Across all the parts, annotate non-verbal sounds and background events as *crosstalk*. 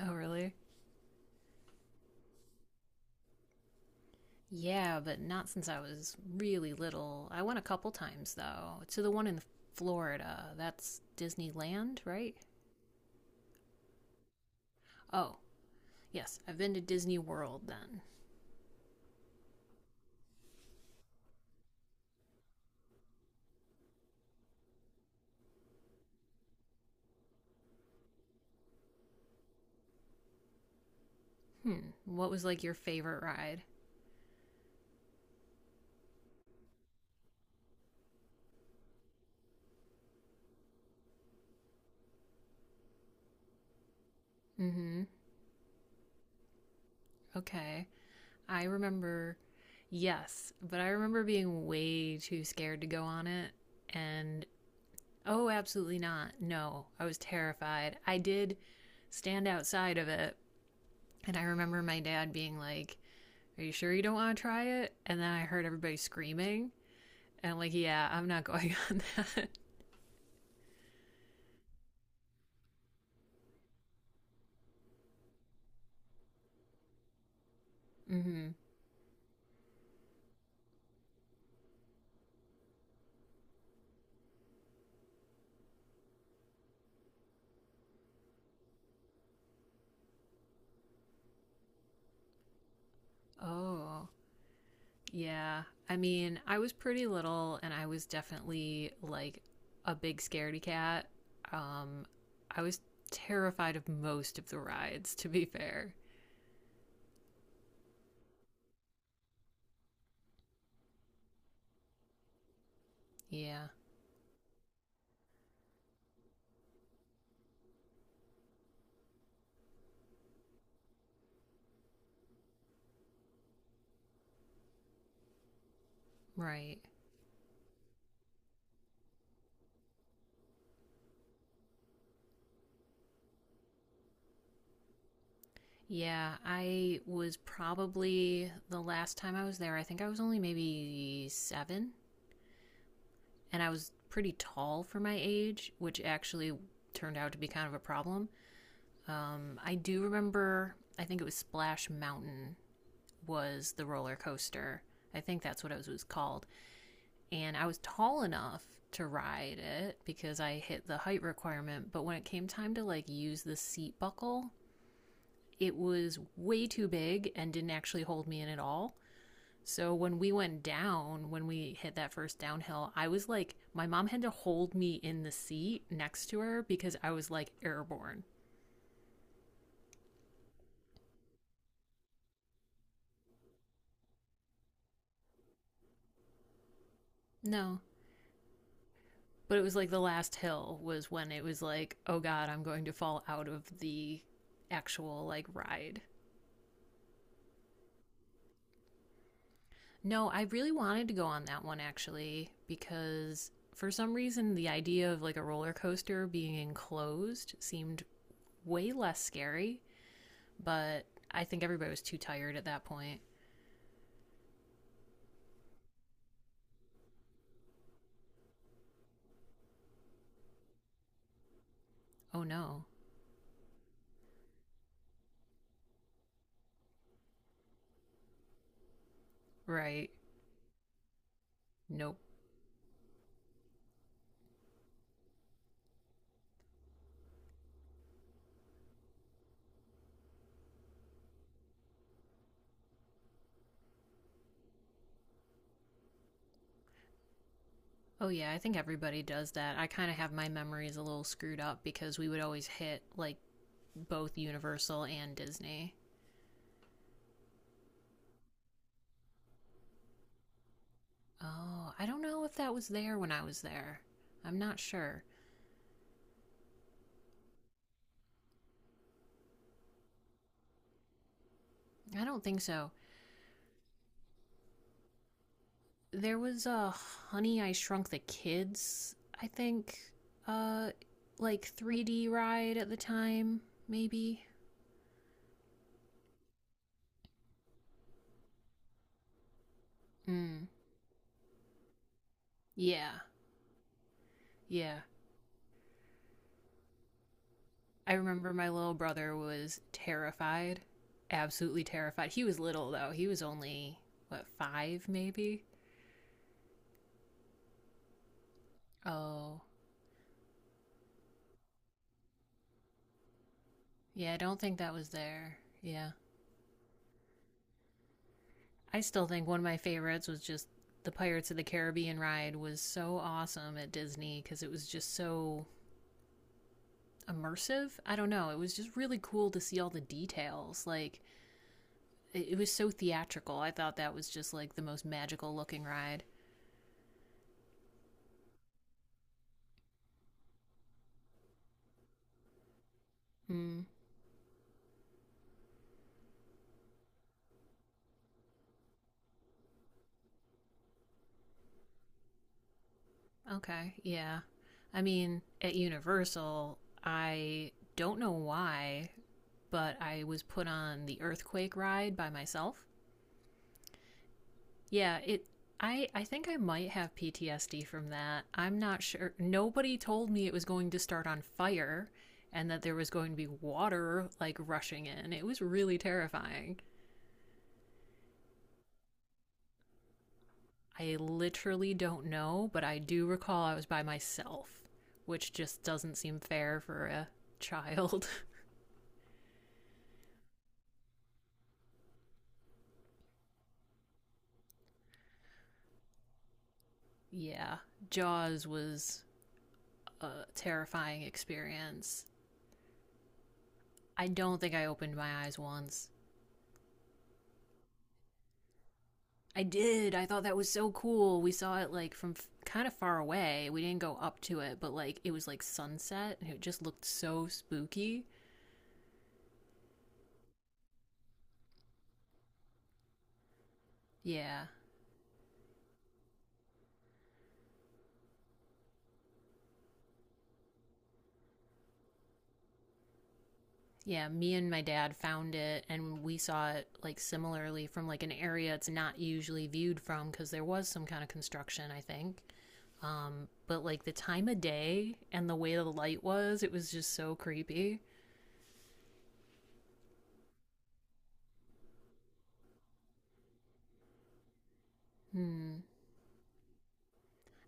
Oh, really? Yeah, but not since I was really little. I went a couple times, though, to the one in Florida. That's Disneyland, right? Oh, yes, I've been to Disney World then. Hmm, what was like your favorite ride? Mm hmm, okay. I remember, yes, but I remember being way too scared to go on it. And oh, absolutely not. No, I was terrified. I did stand outside of it, and I remember my dad being like, are you sure you don't want to try it? And then I heard everybody screaming. And I'm like, yeah, I'm not *laughs* going on that. *laughs* Hmm. Oh, yeah. I mean, I was pretty little and I was definitely like a big scaredy cat. Um, I was terrified of most of the rides, to be fair. Yeah, right. Yeah, I was probably the last time I was there, I think I was only maybe seven, and I was pretty tall for my age, which actually turned out to be kind of a problem. I do remember, I think it was Splash Mountain was the roller coaster. I think that's what it was called. And I was tall enough to ride it because I hit the height requirement. But when it came time to like use the seat buckle, it was way too big and didn't actually hold me in at all. So when we went down, when we hit that first downhill, I was like, my mom had to hold me in the seat next to her because I was like airborne. No. But it was like the last hill was when it was like, oh God, I'm going to fall out of the actual like ride. No, I really wanted to go on that one actually because for some reason the idea of like a roller coaster being enclosed seemed way less scary, but I think everybody was too tired at that point. Oh no. Right. Nope. Oh, yeah, I think everybody does that. I kind of have my memories a little screwed up because we would always hit, like, both Universal and Disney. Oh, I don't know if that was there when I was there. I'm not sure. I don't think so. There was a Honey I Shrunk the Kids, I think, uh, like 3D ride at the time, maybe. Mm. Yeah. Yeah. I remember my little brother was terrified, absolutely terrified. He was little though. He was only what, five maybe. Oh yeah, I don't think that was there. Yeah, I still think one of my favorites was just the Pirates of the Caribbean ride was so awesome at Disney because it was just so immersive. I don't know. It was just really cool to see all the details. Like it, was so theatrical. I thought that was just like the most magical looking ride. Mm. Okay. Yeah. I mean, at Universal, I don't know why, but I was put on the earthquake ride by myself. Yeah, it I think I might have PTSD from that. I'm not sure. Nobody told me it was going to start on fire and that there was going to be water like rushing in. It was really terrifying. I literally don't know, but I do recall I was by myself, which just doesn't seem fair for a child. *laughs* Yeah, Jaws was a terrifying experience. I don't think I opened my eyes once. I did. I thought that was so cool. We saw it like from kind of far away. We didn't go up to it, but like it was like sunset and it just looked so spooky. Yeah. Yeah, me and my dad found it and we saw it like similarly from like an area it's not usually viewed from cuz there was some kind of construction, I think. But like the time of day and the way the light was, it was just so creepy. Hmm.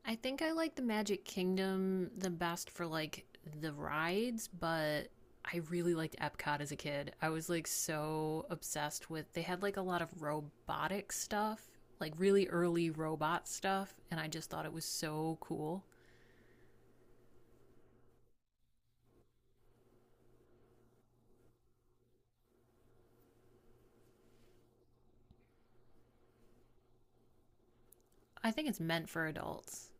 I think I like the Magic Kingdom the best for like the rides, but I really liked Epcot as a kid. I was like so obsessed with they had like a lot of robotic stuff, like really early robot stuff, and I just thought it was so cool. I think it's meant for adults.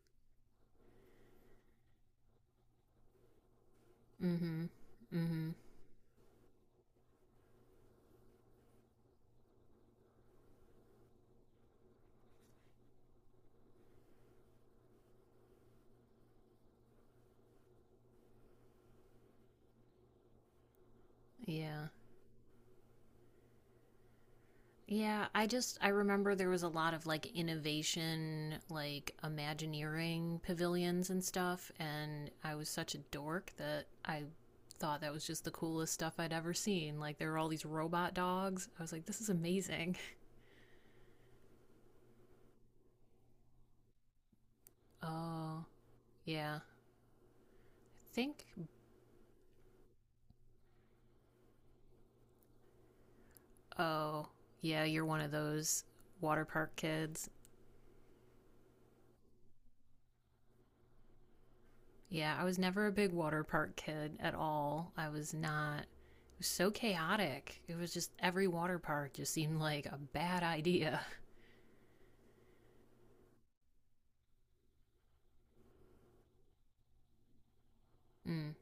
Mm-hmm. Mm-hmm. Yeah. Yeah, I just I remember there was a lot of like innovation, like Imagineering pavilions and stuff, and I was such a dork that I thought that was just the coolest stuff I'd ever seen. Like there were all these robot dogs. I was like, this is amazing. Oh, yeah. I think oh, yeah, you're one of those water park kids. Yeah, I was never a big water park kid at all. I was not. It was so chaotic. It was just every water park just seemed like a bad idea. *laughs* Mm,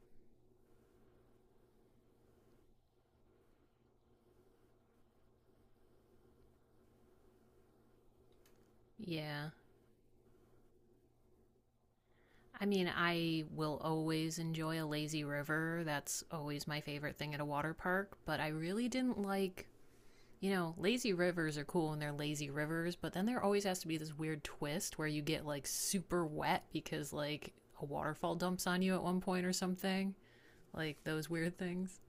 yeah. I mean, I will always enjoy a lazy river. That's always my favorite thing at a water park, but I really didn't like. You know, lazy rivers are cool when they're lazy rivers, but then there always has to be this weird twist where you get like super wet because like a waterfall dumps on you at one point or something. Like those weird things.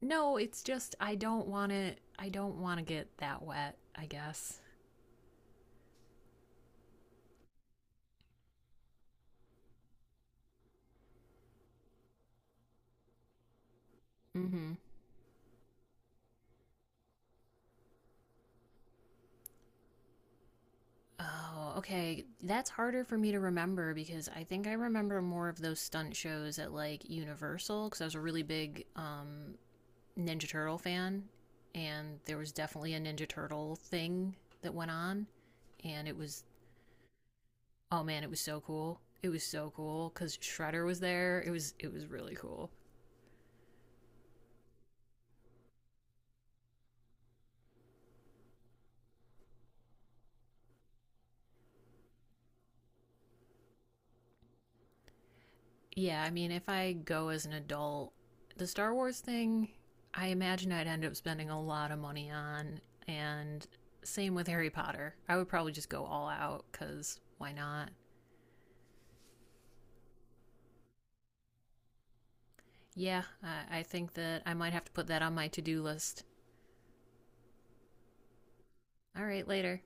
No, it's just I don't want to. I don't want to get that wet. I guess. Mm-hmm. Oh, okay. That's harder for me to remember because I think I remember more of those stunt shows at like Universal because I was a really big Ninja Turtle fan, and there was definitely a Ninja Turtle thing that went on, and it was oh man, it was so cool. It was so cool because Shredder was there. It was really cool. Yeah, I mean, if I go as an adult, the Star Wars thing, I imagine I'd end up spending a lot of money on. And same with Harry Potter. I would probably just go all out because why not? Yeah, I think that I might have to put that on my to do list. All right, later.